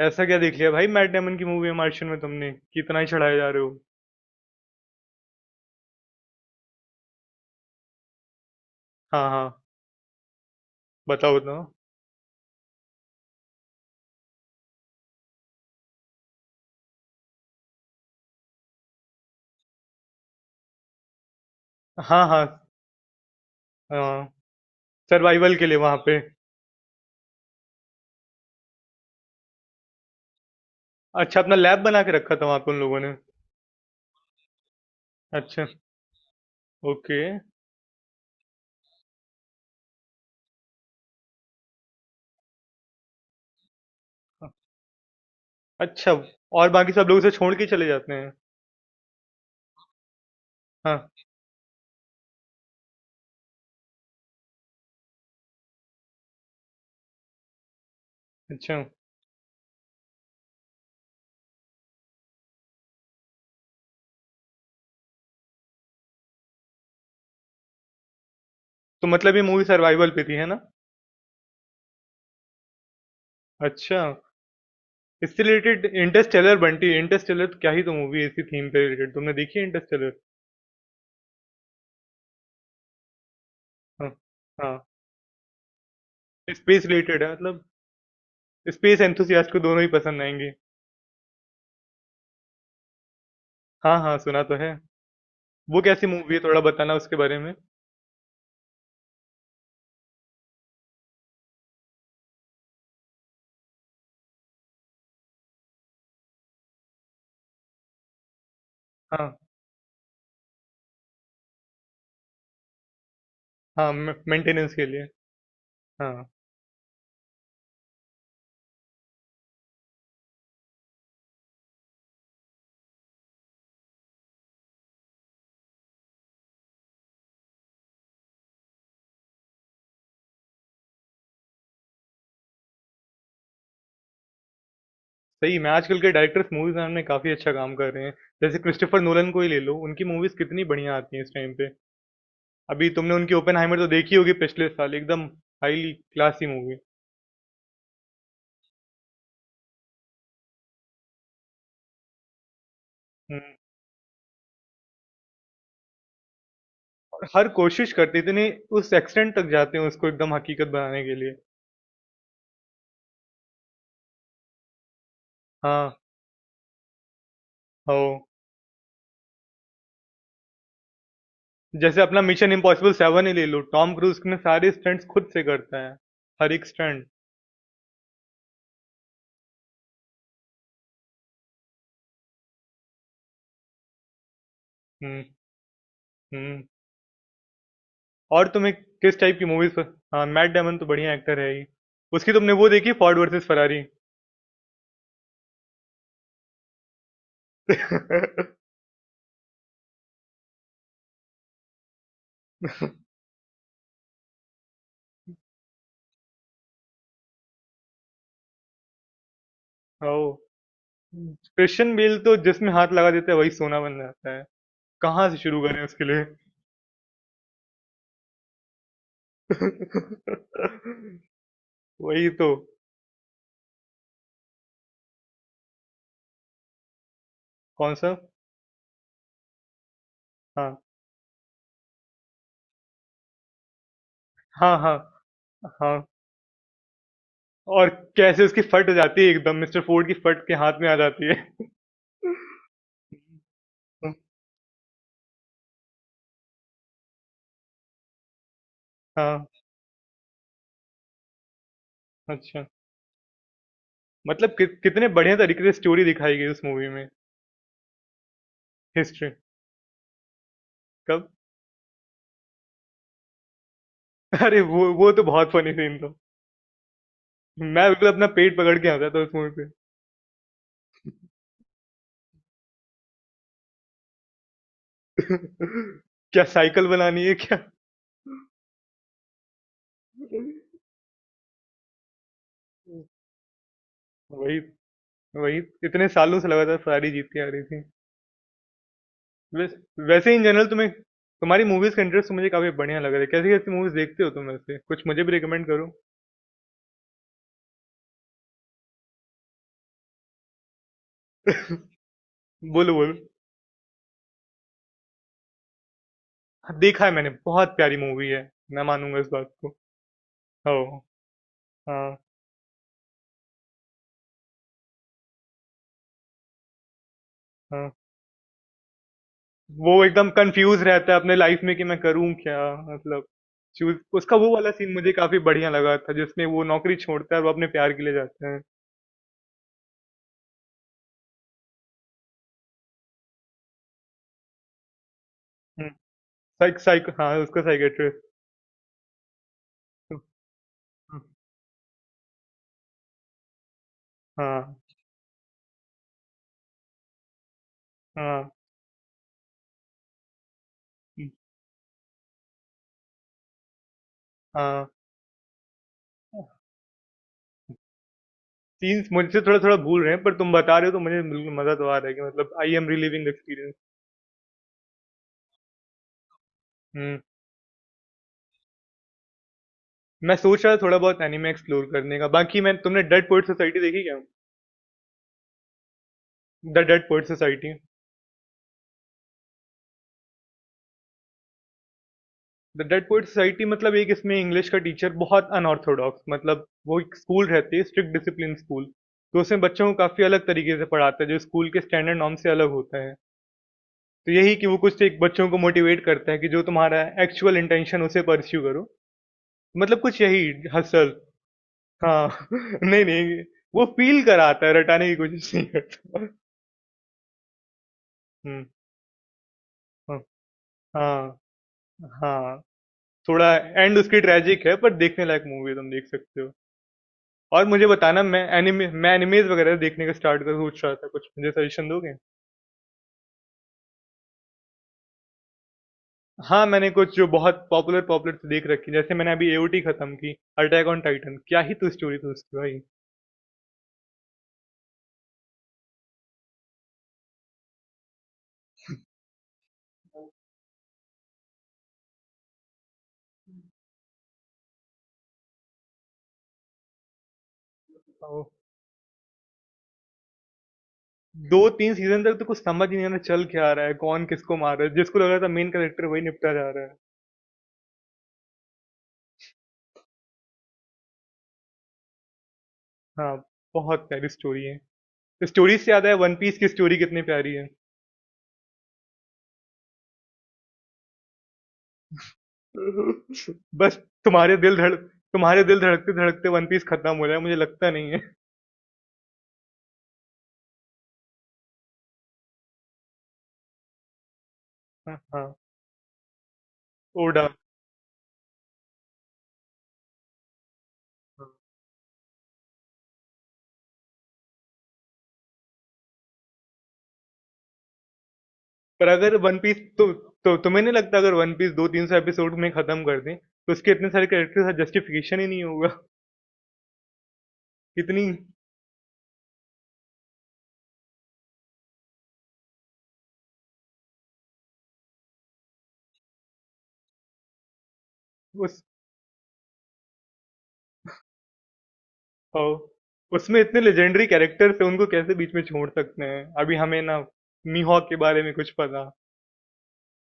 ऐसा क्या देख लिया भाई? मैट डेमन की मूवी है मार्शियन में तुमने कि इतना ही चढ़ाए जा रहे हो। हाँ, हाँ। बताओ तो। हाँ, हाँ। हाँ, सर्वाइवल के लिए वहां पे। अच्छा, अपना लैब बना के रखा था वहां पे उन लोगों ने। अच्छा। ओके। अच्छा। और बाकी सब लोग उसे छोड़ के चले जाते हैं? हाँ। अच्छा। तो मतलब ये मूवी सर्वाइवल पे थी, है ना? अच्छा, इससे रिलेटेड इंटरस्टेलर बंटी, इंटरस्टेलर तो क्या ही तो मूवी है इसी थीम पे रिलेटेड। तुमने देखी है इंटरस्टेलर? हाँ, हाँ। स्पेस रिलेटेड है मतलब। स्पेस एंथुसियास्ट को दोनों ही पसंद आएंगे। हाँ, हाँ, सुना तो है। वो कैसी मूवी है, थोड़ा बताना उसके बारे में? हाँ। हाँ, मे मेंटेनेंस के लिए। हाँ। सही में आजकल के डायरेक्टर्स मूवीज बनाने में काफी अच्छा काम कर रहे हैं। जैसे क्रिस्टोफर नोलन को ही ले लो, उनकी मूवीज कितनी बढ़िया आती हैं इस टाइम पे। अभी तुमने उनकी ओपेनहाइमर तो देखी होगी पिछले साल, एकदम हाईली क्लासी मूवी। हम्म। और हर कोशिश करते इतने उस एक्सटेंट तक जाते हैं उसको एकदम हकीकत बनाने के लिए। हाँ, हो। जैसे अपना मिशन इम्पॉसिबल 7 ही ले लो, टॉम क्रूज ने सारे स्टंट्स खुद से करता है, हर एक स्टंट। हम्म। हम्म। और तुम्हें किस टाइप की मूवीज़ प। हाँ, मैट डेमन तो बढ़िया एक्टर है ही। उसकी तुमने वो देखी फोर्ड वर्सेस फरारी? ओह! क्रिश्चियन बेल तो जिसमें हाथ लगा देता है वही सोना बन जाता है। कहाँ से शुरू करें उसके लिए? वही तो। कौन-सा? हाँ। हाँ, हाँ, हाँ। और कैसे उसकी फट जाती है एकदम मिस्टर फोर्ड की फट के हाथ में आ जाती है। हुँ। हाँ। अच्छा। मतलब कि कितने बढ़िया तरीके से स्टोरी दिखाई गई उस मूवी में। हिस्ट्री। कब? अरे वो तो बहुत फनी सीन था। मैं बिल्कुल अपना पेट पकड़ के हंसा था उस मूवी पे। क्या साइकिल बनानी है क्या? वही। वही। इतने सालों से लगातार सारी जीतती आ रही थी। वैस, वैसे इन जनरल तुम्हें तुम्हारी मूवीज का इंटरेस्ट मुझे काफी बढ़िया लग रहा है। कैसी कैसी मूवीज देखते हो तुम? वैसे कुछ मुझे भी रिकमेंड करो। बोलो बोलो। हाँ, देखा है मैंने। बहुत प्यारी मूवी है, मैं मानूंगा इस बात को। ओ। हाँ। हाँ। वो एकदम कंफ्यूज रहता है अपने लाइफ में कि मैं करूँ क्या। मतलब चूज। उसका वो वाला सीन मुझे काफी बढ़िया लगा था जिसमें वो नौकरी छोड़ता है और वो अपने प्यार के लिए जाता है। हम्म। साइक साइक हाँ, उसका साइकेट्रिस्ट। हाँ। हाँ। हम्म। हाँ। सीन्स मुझसे थोड़ा थोड़ा भूल रहे हैं पर तुम बता रहे हो तो मुझे बिल्कुल मजा तो आ रहा है, कि मतलब I am relieving experience. Hmm. मैं सोच रहा था थोड़ा बहुत एनिमे एक्सप्लोर करने का। बाकी मैं तुमने डेड पोएट सोसाइटी देखी क्या? The Dead Poet Society. The Dead Poet Society मतलब एक इसमें इंग्लिश का टीचर बहुत अनऑर्थोडॉक्स, मतलब वो एक स्कूल रहती है स्ट्रिक्ट डिसिप्लिन स्कूल। तो उसमें बच्चों को काफ़ी अलग तरीके से पढ़ाता है जो स्कूल के स्टैंडर्ड नॉर्म से अलग होता है। तो यही कि वो कुछ एक बच्चों को मोटिवेट करता है कि जो तुम्हारा एक्चुअल इंटेंशन उसे परस्यू करो। मतलब कुछ यही। हसल। हाँ। नहीं, नहीं, वो फील कराता है, रटाने की कोशिश नहीं करता। हम्म। हाँ। हाँ। हाँ, थोड़ा एंड उसकी ट्रेजिक है पर देखने लायक मूवी है, तुम देख सकते हो। और मुझे बताना। मैं एनिमे मैं एनिमेज़ वगैरह देखने का स्टार्ट करूँ सोच रहा था, कुछ मुझे सजेशन दोगे? हाँ, मैंने कुछ जो बहुत पॉपुलर पॉपुलर तो देख रखी। जैसे मैंने अभी एओटी खत्म की। अटैक ऑन टाइटन, क्या ही तो स्टोरी थी उसकी भाई। ओ। 2-3 सीज़न तक तो कुछ समझ ही नहीं आ रहा चल क्या आ रहा है, कौन किसको मार रहा है, जिसको लग रहा था मेन कैरेक्टर वही निपटा जा रहा है। हाँ, बहुत प्यारी स्टोरी है। स्टोरी से याद आया वन पीस की स्टोरी कितनी प्यारी है। बस। तुम्हारे दिल धड़कते-धड़कते वन पीस खत्म हो रहा है मुझे लगता नहीं है। हाँ, हाँ। ओडा। पर अगर वन पीस तो तुम्हें नहीं लगता अगर वन पीस 2-3 सौ एपिसोड में खत्म कर दें तो उसके इतने सारे कैरेक्टर्स का जस्टिफिकेशन ही नहीं होगा? इतनी उस ओ, उसमें इतने लेजेंडरी कैरेक्टर्स हैं उनको कैसे बीच में छोड़ सकते हैं अभी। हमें ना मीहॉक के बारे में कुछ पता?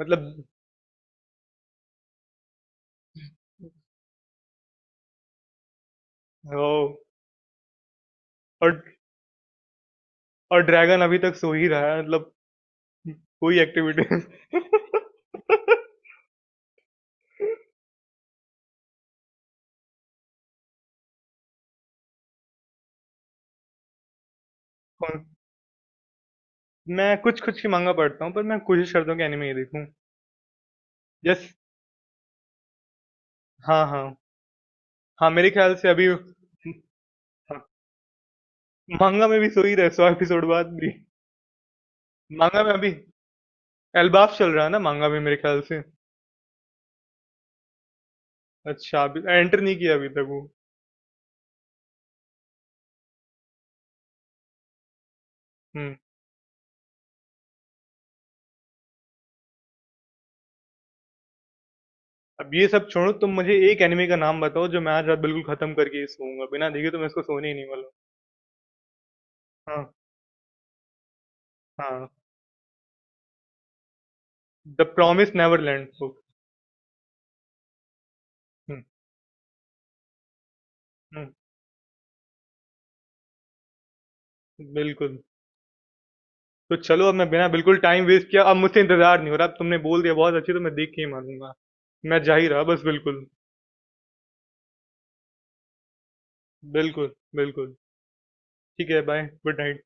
मतलब ओ, और और ड्रैगन अभी तक सो ही रहा है मतलब। कोई एक्टिविटी। कौन- मैं कुछ कुछ ही मांगा पढ़ता हूँ पर मैं कोशिश करता हूँ कि एनिमे ही देखूँ। यस। हाँ, हाँ। हाँ, मेरे ख़्याल से अभी। हाँ, माँगा में भी सो ही रहे 100 एपिसोड बाद भी। माँगा में अभी एल्बाफ चल रहा है ना माँगा में मेरे ख़्याल से? अच्छा, अभी एंटर नहीं किया अभी तक वो। हुँ। अब ये सब छोड़ो तुम मुझे एक एनीमे का नाम बताओ जो मैं आज रात बिल्कुल ख़त्म करके ही सोऊँगा। बिना देखे तो मैं इसको सोने ही नहीं वाला हूँ। हाँ, हाँ। The Promise Neverland book. हुँ। हुँ। बिल्कुल। तो चलो अब मैं बिना बिल्कुल टाइम वेस्ट किया अब मुझसे इंतज़ार नहीं हो रहा। अब तुमने बोल दिया बहुत अच्छी तो मैं देख के ही मानूँगा। मैं जा ही रहा बस बिल्कुल। बिल्कुल, बिल्कुल। ठीक है बाय, गुड नाइट।